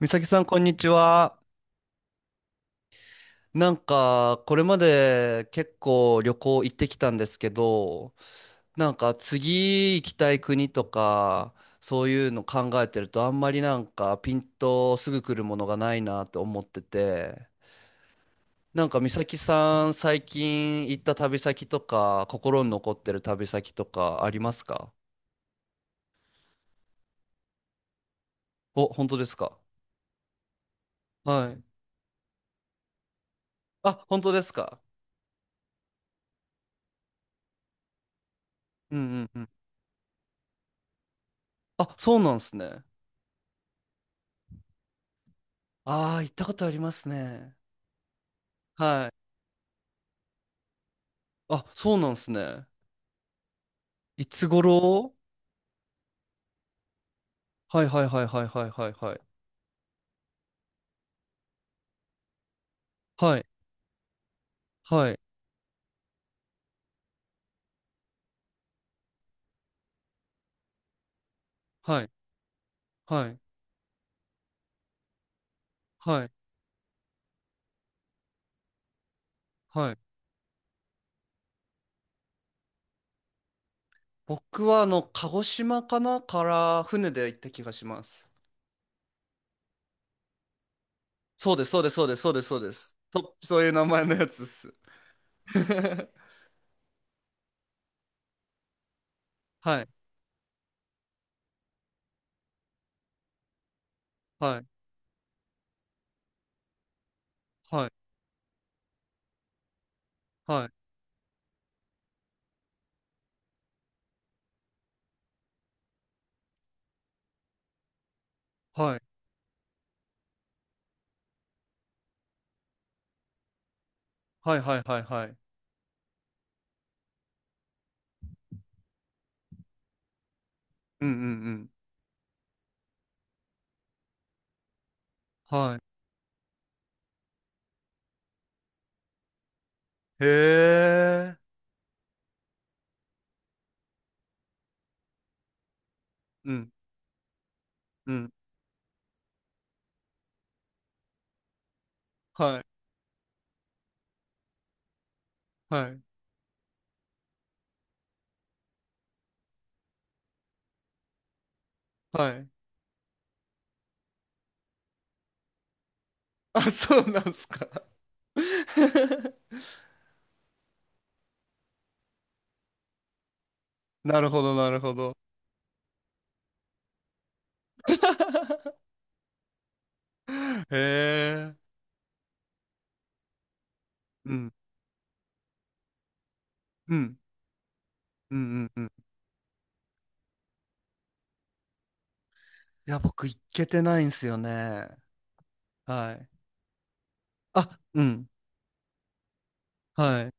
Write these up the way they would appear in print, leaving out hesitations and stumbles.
美咲さん、こんにちは。なんか、これまで結構旅行行ってきたんですけど、なんか次行きたい国とか、そういうの考えてると、あんまりなんかピンとすぐ来るものがないなって思ってて、なんか美咲さん、最近行った旅先とか、心に残ってる旅先とかありますか？お、本当ですか？はい。あ、本当ですか？うんうんうん。あ、そうなんですね。ああ、行ったことありますね。はい。あ、そうなんすね。いつ頃？はいはいはいはいはいはいはい。はい、はい、はい、はい、はい、はい。僕は鹿児島かなから船で行った気がします。そうです、そうです、そうです、そうです、そうです。と、そういう名前のやつです。はい、はい、はい、はい、はい、はい、はい、はい、はい。うんうんうん。はい。へえ。うん、うん。はい、はい、はい。あ、そうなんすか。なるほど、なるほど。へえ。うん。うん。うんうんうん。いや、僕、行けてないんすよね。はい。あ、うん。はい。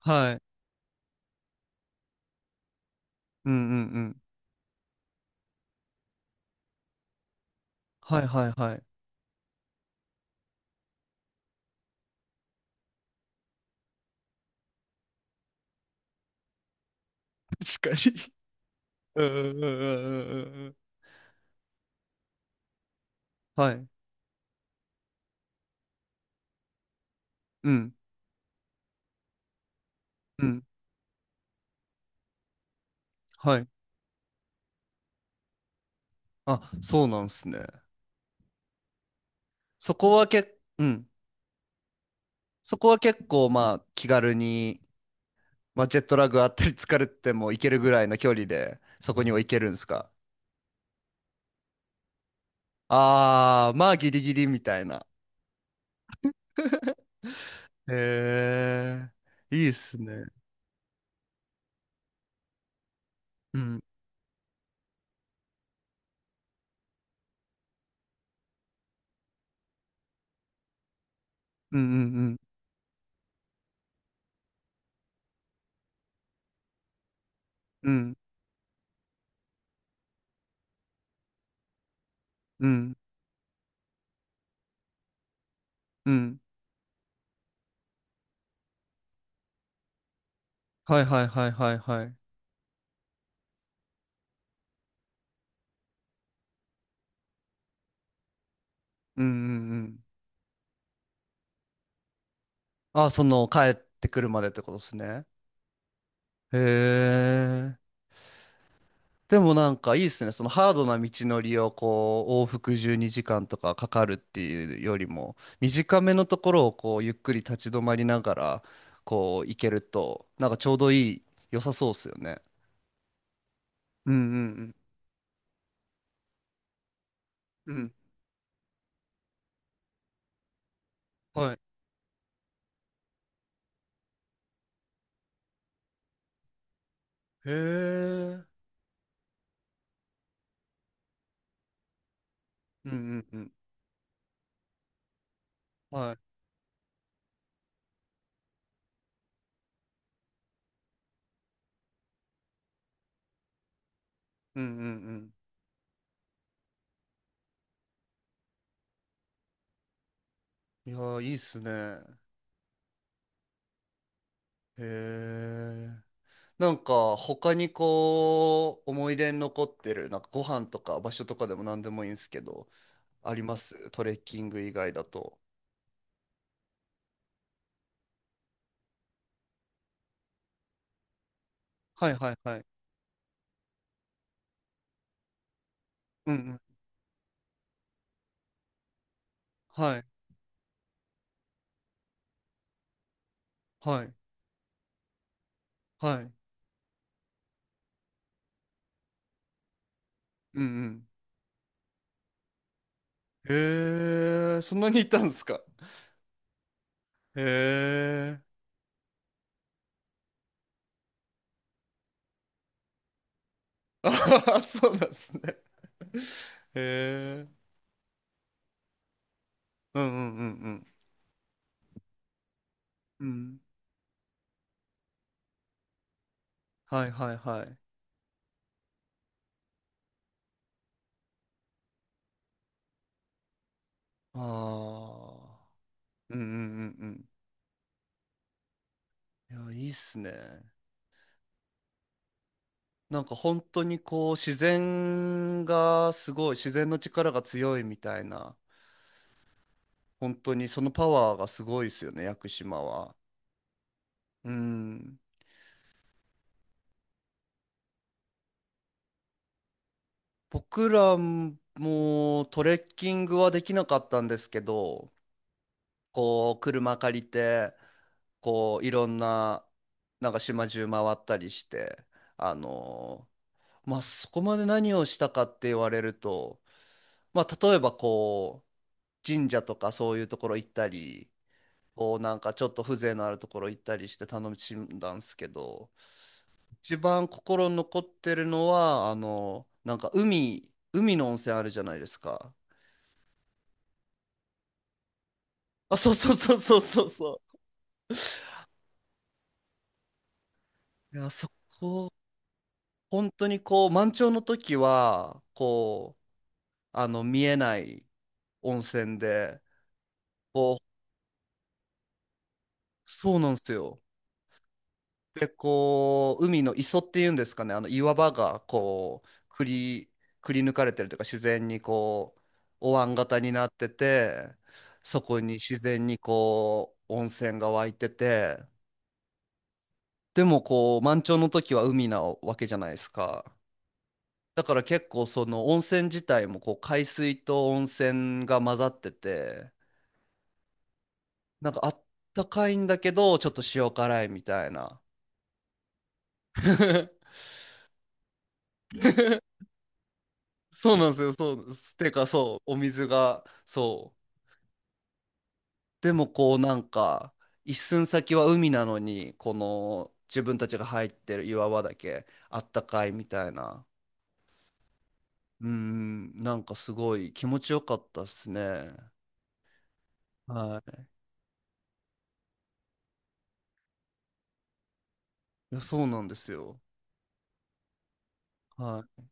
はい。うんうんうん。はいはいはい。確かに。うんうんうんうんうんうん。はい。うん。うん。はい。あ、そうなんすね。そこはけ、うん。そこは結構、まあ、気軽に、まあ、ジェットラグあったり疲れても行けるぐらいの距離で、そこには行けるんですか？ああー、まあ、ギリギリみたいな。ええ、いいっすね。うん、うん、うん、うん、うん、うん。はいはいはいはいはい。うん、うん、うん。あ、その、帰ってくるまでってことですね。へえ。でもなんかいいっすね。そのハードな道のりをこう、往復12時間とかかかるっていうよりも、短めのところをこう、ゆっくり立ち止まりながら、こう、行けると、なんかちょうどいい、良さそうっすよね。うんうんうん。うん。はい。へえ。うんうんうん。はい。うんうんうん。いやー、いいっすね。へえ。なんか、他にこう、思い出に残ってる、なんかご飯とか場所とかでも何でもいいんすけど、あります？トレッキング以外だと。はいはいはい。うんうん。はい。はい。はい。うんうん。へえ、そんなにいたんですか？へえ。あはは、そうなんですね。へえ。うんうんうんうん。うん。はいはいはい。ああ。うんうんうんうん。いや、いいっすね。なんか本当にこう自然がすごい、自然の力が強いみたいな、本当にそのパワーがすごいですよね、屋久島は。うん。僕らもトレッキングはできなかったんですけど、こう車借りて、こういろんな、なんか島中回ったりして、あのまあそこまで何をしたかって言われると、まあ例えばこう、神社とかそういうところ行ったり、こうなんかちょっと風情のあるところ行ったりして楽しんだんですけど、一番心に残ってるのは、なんか海の温泉あるじゃないですか。あ、そうそうそうそうそうそう。いや、そこ、本当にこう、満潮の時は、こう、見えない温泉で、こう、そうなんですよ。で、こう、海の磯っていうんですかね、あの岩場がこう、くり抜かれてるというか、自然にこう、お椀型になってて、そこに自然にこう、温泉が湧いてて、でもこう、満潮の時は海なわけじゃないですか。だから結構その温泉自体もこう、海水と温泉が混ざってて、なんかあったかいんだけど、ちょっと塩辛いみたいな。そうなんですよ。そう。てか、そう。お水が、そう。でも、こう、なんか、一寸先は海なのに、この、自分たちが入ってる岩場だけ、あったかいみたいな。うん、なんかすごい気持ちよかったっすね。はい。いや、そうなんですよ。はい。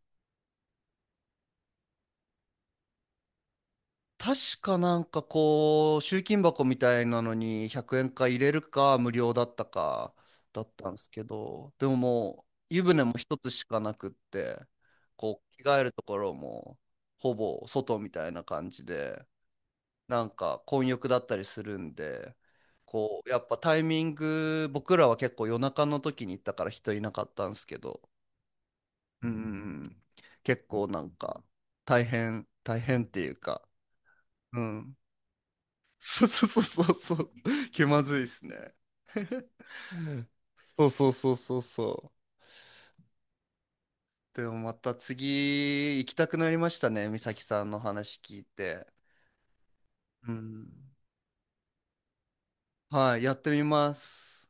確かなんかこう、集金箱みたいなのに100円か入れるか無料だったかだったんですけど、でももう湯船も一つしかなくって、こう着替えるところもほぼ外みたいな感じで、なんか混浴だったりするんで、こうやっぱタイミング、僕らは結構夜中の時に行ったから人いなかったんですけど、うんうんうん、結構なんか大変、大変っていうか、うん。そうそうそうそうそう。気まずいっすね。そうそうそうそうそう。でもまた次行きたくなりましたね。美咲さんの話聞いて。うん。はい、やってみます。